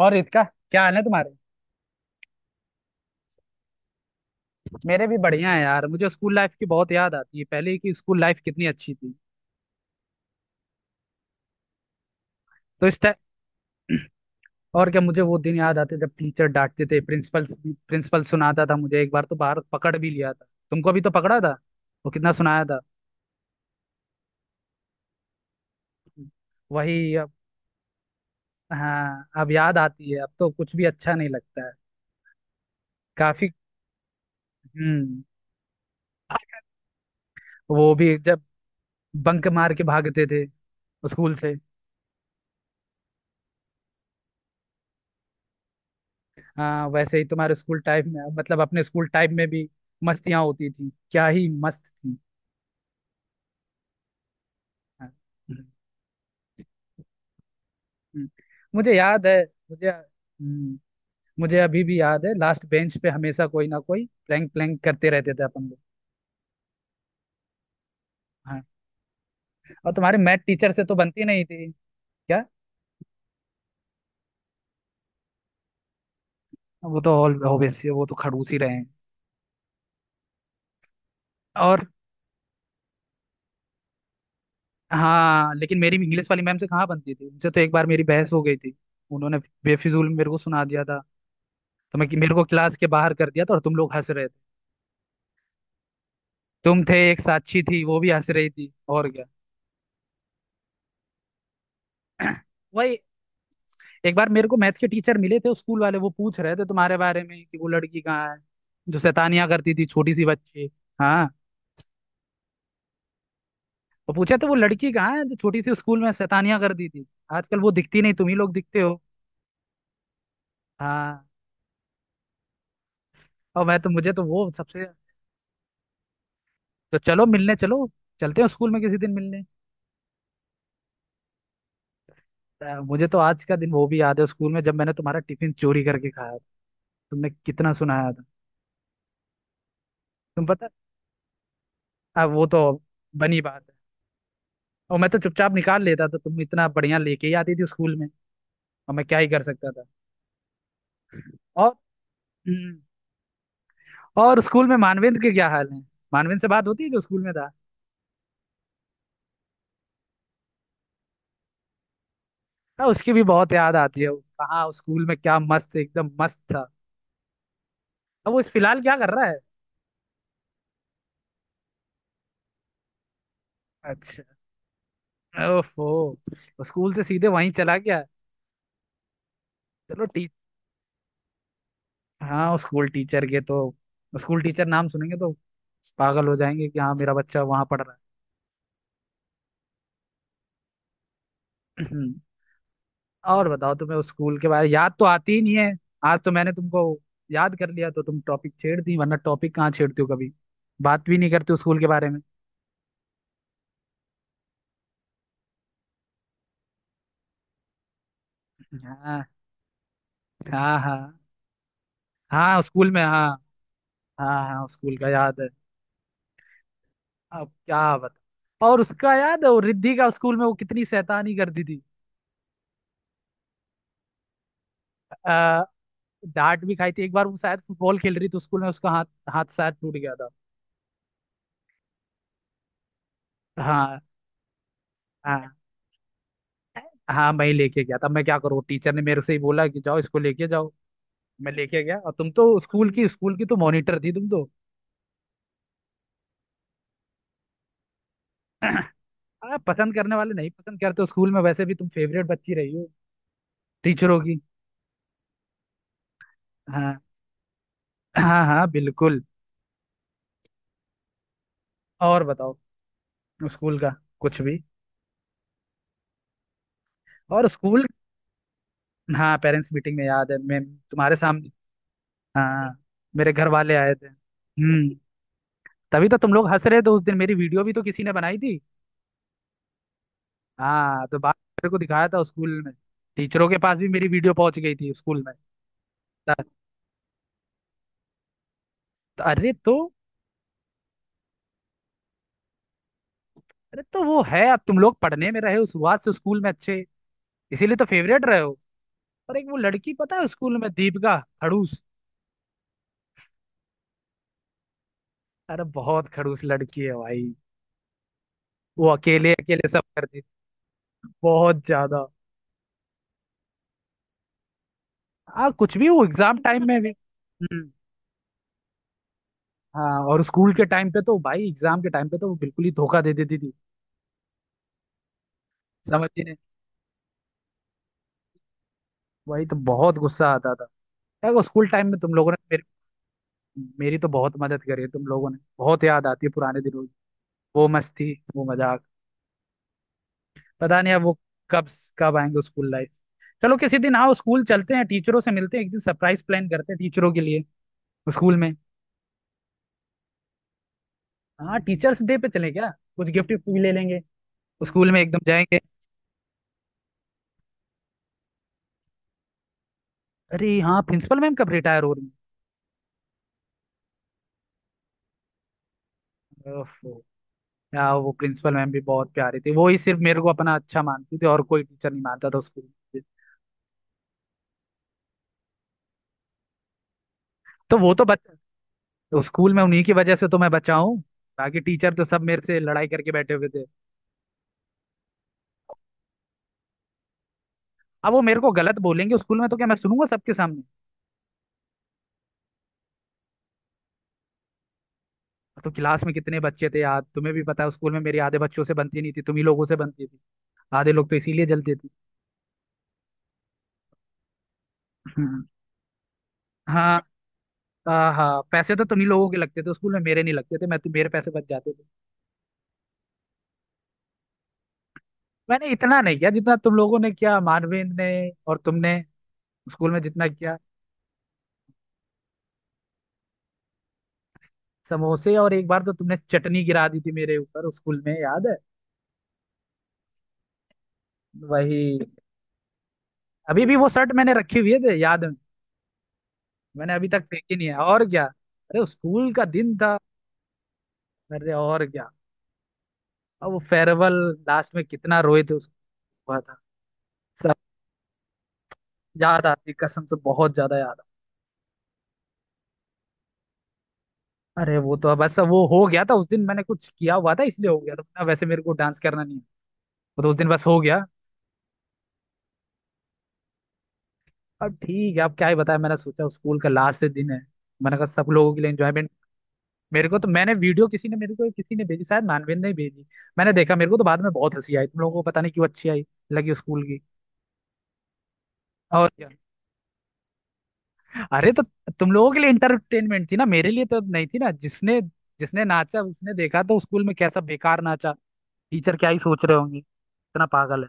और रितिका, क्या हाल है तुम्हारे। मेरे भी बढ़िया है यार, मुझे स्कूल लाइफ की बहुत याद आती है। पहले की स्कूल लाइफ कितनी अच्छी थी। तो इस टाइम और क्या, मुझे वो दिन याद आते जब टीचर डांटते थे। प्रिंसिपल प्रिंसिपल सुनाता था मुझे, एक बार तो बाहर पकड़ भी लिया था। तुमको भी तो पकड़ा था, वो कितना सुनाया था। वही अब। हाँ, अब याद आती है, अब तो कुछ भी अच्छा नहीं लगता है। काफी। हम्म वो भी जब बंक मार के भागते थे स्कूल से। हाँ, वैसे ही तुम्हारे स्कूल टाइम में, मतलब अपने स्कूल टाइम में भी मस्तियाँ होती थी, क्या ही मस्त थी। हाँ। हम्म, मुझे याद है। मुझे मुझे अभी भी याद है लास्ट बेंच पे हमेशा कोई ना कोई प्लैंक प्लैंक करते रहते थे अपन लोग। हाँ। और तुम्हारे मैथ टीचर से तो बनती नहीं थी। क्या। वो तो ऑल ऑब्वियसली वो तो खड़ूस ही रहे हैं। और हाँ लेकिन मेरी इंग्लिश वाली मैम से कहाँ बनती थी, उनसे तो एक बार मेरी बहस हो गई थी। उन्होंने बेफिजूल मेरे को सुना दिया था। तो मैं मेरे को क्लास के बाहर कर दिया था और तुम लोग हंस रहे थे। तुम थे, एक साक्षी थी, वो भी हंस रही थी, और क्या। वही। एक बार मेरे को मैथ के टीचर मिले थे स्कूल वाले, वो पूछ रहे थे तुम्हारे बारे में कि वो लड़की कहाँ है जो शैतानियां करती थी, छोटी सी बच्ची। हाँ। तो पूछे तो वो लड़की कहाँ है जो छोटी सी स्कूल में शैतानियां करती थी, आजकल वो दिखती नहीं, तुम ही लोग दिखते हो। हाँ। और मैं तो मुझे तो वो सबसे। तो चलो मिलने चलो, चलते हैं स्कूल में किसी दिन मिलने। तो मुझे तो आज का दिन वो भी याद है स्कूल में जब मैंने तुम्हारा टिफिन चोरी करके खाया था। तुमने कितना सुनाया था। तुम पता। अब वो तो बनी बात है। और मैं तो चुपचाप निकाल लेता था, तुम इतना बढ़िया लेके ही आती थी स्कूल में, और मैं क्या ही कर सकता था। और हम्म, और स्कूल में मानवेंद्र के क्या हाल है। मानवेंद्र से बात होती है जो स्कूल में था। हाँ, उसकी भी बहुत याद आती है। वो कहाँ उस स्कूल में क्या मस्त, एकदम मस्त था। अब वो इस फिलहाल क्या कर रहा है। अच्छा। ओफो। वो स्कूल से सीधे वहीं चला गया। चलो टी। हाँ वो स्कूल टीचर के तो, स्कूल टीचर नाम सुनेंगे तो पागल हो जाएंगे कि हाँ मेरा बच्चा वहां पढ़ रहा है। और बताओ तुम्हें उस स्कूल के बारे याद तो आती ही नहीं है। आज तो मैंने तुमको याद कर लिया तो तुम टॉपिक छेड़ दी, वरना टॉपिक कहाँ छेड़ती हो कभी, बात भी नहीं करते उस स्कूल के बारे में। हाँ। हाँ, हाँ उस स्कूल में। हाँ। हाँ, उस स्कूल का याद है। अब क्या बता, और उसका याद है वो रिद्धि का, उस स्कूल में वो कितनी शैतानी करती थी। आ, डांट भी खाई थी एक बार, वो शायद फुटबॉल खेल रही थी स्कूल में, उसका हाथ हाथ शायद टूट गया था। हाँ। हाँ। हाँ, मैं ही लेके गया था। मैं क्या करूँ, टीचर ने मेरे से ही बोला कि जाओ इसको लेके जाओ। मैं लेके गया। और तुम तो स्कूल की तो मॉनिटर थी तुम तो। पसंद करने वाले नहीं पसंद करते हो स्कूल में, वैसे भी तुम फेवरेट बच्ची रही हो टीचरों की। हाँ। हाँ, बिल्कुल। और बताओ। स्कूल का कुछ भी। और स्कूल। हाँ पेरेंट्स मीटिंग में याद है मैं तुम्हारे सामने। हाँ, मेरे घर वाले आए थे। तभी तो तुम लोग हंस रहे थे, उस दिन मेरी वीडियो भी तो किसी ने बनाई थी। हाँ तो बाप मेरे को दिखाया था स्कूल में। टीचरों के पास भी मेरी वीडियो पहुंच गई थी स्कूल में। त- त- अरे तो अरे तो वो है, अब तुम लोग पढ़ने में रहे हो शुरुआत से स्कूल में अच्छे, इसीलिए तो फेवरेट रहे हो। पर एक वो लड़की पता है स्कूल में, दीपिका, खड़ूस। अरे बहुत खड़ूस लड़की है भाई। वो अकेले अकेले सब कर देती। बहुत ज्यादा। हाँ कुछ भी, वो एग्जाम टाइम में भी हाँ। और स्कूल के टाइम पे तो भाई, एग्जाम के टाइम पे तो वो बिल्कुल ही धोखा दे देती थी, समझती नहीं। वही तो बहुत गुस्सा आता था। यार वो स्कूल टाइम में तुम लोगों ने मेरी मेरी तो बहुत मदद करी है, तुम लोगों ने। बहुत याद आती है पुराने दिनों की, वो मस्ती वो मजाक। पता नहीं अब वो कब, कब आएंगे स्कूल लाइफ। चलो किसी दिन आओ, स्कूल चलते हैं, टीचरों से मिलते हैं, एक दिन सरप्राइज प्लान करते हैं टीचरों के लिए स्कूल में। हाँ टीचर्स डे पे चले क्या, कुछ गिफ्ट भी ले लेंगे, स्कूल में एकदम जाएंगे। अरे हाँ प्रिंसिपल मैम कब रिटायर हो रही हैं? ओफो। यार वो प्रिंसिपल मैम भी बहुत प्यारी थी, वो ही सिर्फ मेरे को अपना अच्छा मानती थी, और कोई टीचर नहीं मानता था स्कूल में। तो वो तो बच, तो स्कूल में उन्हीं की वजह से तो मैं बचा हूँ, बाकी टीचर तो सब मेरे से लड़ाई करके बैठे हुए थे। अब वो मेरे को गलत बोलेंगे स्कूल में तो क्या मैं सुनूंगा सबके सामने। तो क्लास में कितने बच्चे थे यार, तुम्हें भी पता है, स्कूल में मेरी आधे बच्चों से बनती नहीं थी, तुम ही लोगों से बनती थी। आधे लोग तो इसीलिए जलते थे। हम्म, हाँ। हाँ, पैसे तो तुम ही लोगों के लगते थे स्कूल में, मेरे नहीं लगते थे, मैं तो, मेरे पैसे बच जाते थे। मैंने इतना नहीं किया जितना तुम लोगों ने किया, मानवेंद्र ने और तुमने स्कूल में जितना किया। समोसे और एक बार तो तुमने चटनी गिरा दी थी मेरे ऊपर स्कूल में, याद है। वही। अभी भी वो शर्ट मैंने रखी हुई है, याद है, मैंने अभी तक फेंकी नहीं है। और क्या, अरे स्कूल का दिन था। अरे और क्या। अब वो फेयरवेल, लास्ट में कितना रोए थे, उसको हुआ था सब, याद आती कसम से बहुत ज्यादा याद। अरे वो तो बस वो हो गया था, उस दिन मैंने कुछ किया हुआ था इसलिए हो गया था, वरना वैसे मेरे को डांस करना नहीं है। वो तो उस दिन बस हो गया। अब ठीक है, अब क्या ही बताया, मैंने सोचा स्कूल का लास्ट दिन है, मैंने कहा सब लोगों के लिए एंजॉयमेंट। मेरे को तो, मैंने वीडियो किसी ने मेरे को किसी ने भेजी, शायद मानवेंद्र ने ही भेजी। मैंने देखा, मेरे को तो बाद में बहुत हंसी आई, तुम लोगों को पता नहीं क्यों अच्छी आई लगी स्कूल की। और अरे तो तुम लोगों के लिए इंटरटेनमेंट थी ना, मेरे लिए तो नहीं थी ना। जिसने, जिसने नाचा उसने देखा तो स्कूल में कैसा बेकार नाचा, टीचर क्या ही सोच रहे होंगे, इतना पागल है।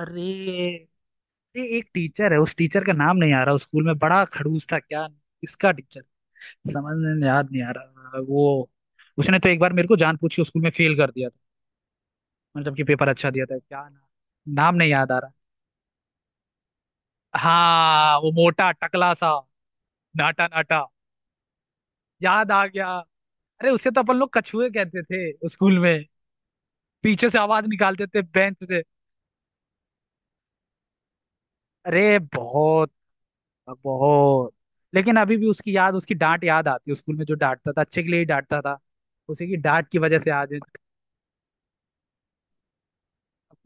अरे ये एक टीचर है, उस टीचर का नाम नहीं आ रहा, उस स्कूल में बड़ा खड़ूस था, क्या किसका टीचर, समझ में याद नहीं आ रहा वो। उसने तो एक बार मेरे को जानबूझ के स्कूल में फेल कर दिया था, मतलब जबकि पेपर अच्छा दिया था। क्या नाम, नाम नहीं याद आ रहा। हाँ वो मोटा टकला सा, नाटा नाटा। याद आ गया। अरे उसे तो अपन लोग कछुए कहते थे स्कूल में, पीछे से आवाज निकालते थे बेंच से। अरे बहुत बहुत लेकिन अभी भी उसकी याद, उसकी डांट याद आती है स्कूल में, जो डांटता था अच्छे के लिए ही डांटता था, उसी की डांट की वजह से आज।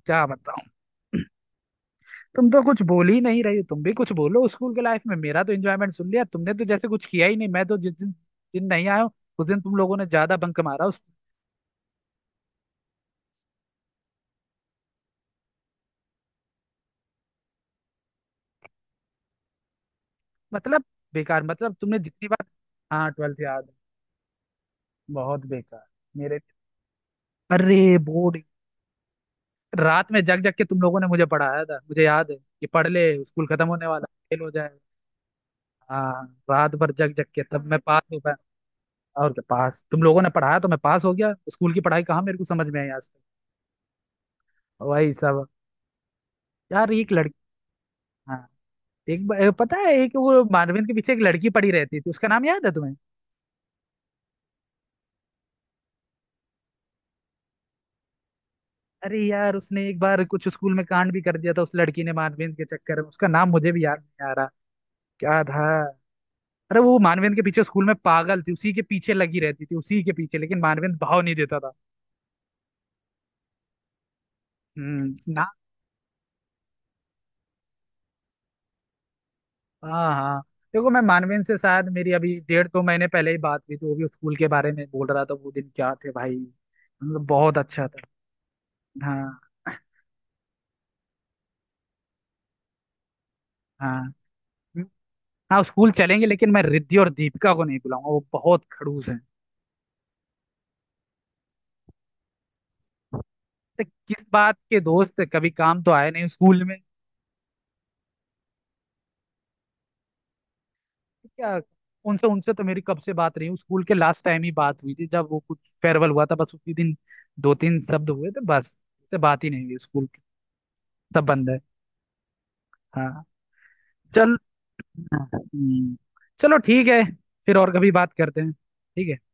क्या बताऊं, तुम तो कुछ बोल ही नहीं रही हो, तुम भी कुछ बोलो, स्कूल के लाइफ में मेरा तो एंजॉयमेंट सुन लिया, तुमने तो जैसे कुछ किया ही नहीं। मैं तो जिस दिन दिन नहीं आया हूं, उस दिन तुम लोगों ने ज्यादा बंक मारा। उस मतलब बेकार, मतलब तुमने जितनी बार। हाँ ट्वेल्थ याद है, बहुत बेकार। मेरे, अरे बोर्ड। रात में जग जग के तुम लोगों ने मुझे पढ़ाया था, मुझे याद है कि पढ़ ले स्कूल खत्म होने वाला है, फेल हो जाए। हाँ रात भर जग जग के तब मैं पास हो पाया। और क्या, पास तुम लोगों ने पढ़ाया तो मैं पास हो गया, स्कूल की पढ़ाई कहाँ मेरे को समझ में आई आज तक। वही सब। यार एक लड़की। हाँ। पता है एक वो मानवीन के पीछे एक लड़की पड़ी रहती थी, उसका नाम याद है तुम्हें। अरे यार उसने एक बार कुछ स्कूल में कांड भी कर दिया था उस लड़की ने, मानवीन के चक्कर में, उसका नाम मुझे भी याद नहीं आ रहा। क्या था। अरे वो मानवेंद्र के पीछे स्कूल में पागल थी, उसी के पीछे लगी रहती थी उसी के पीछे, लेकिन मानवेंद्र भाव नहीं देता था। ना। हाँ हाँ देखो मैं मानवेंद्र से, शायद मेरी अभी डेढ़ दो महीने पहले ही बात हुई थी, वो भी स्कूल के बारे में बोल रहा था, वो दिन क्या थे भाई, मतलब बहुत अच्छा था। हाँ। हाँ हाँ, स्कूल चलेंगे लेकिन मैं रिद्धि और दीपिका को नहीं बुलाऊंगा, वो बहुत खड़ूस हैं। तो किस बात के दोस्त, कभी काम तो आए नहीं स्कूल में। क्या। उनसे उनसे तो मेरी कब से बात रही हूँ, स्कूल के लास्ट टाइम ही बात हुई थी जब वो कुछ फेयरवेल हुआ था, बस उसी दिन दो तीन शब्द हुए थे बस, उससे बात ही नहीं हुई स्कूल की, सब बंद है। हाँ। चल। हम्म, चलो ठीक है, फिर और कभी बात करते हैं, ठीक है।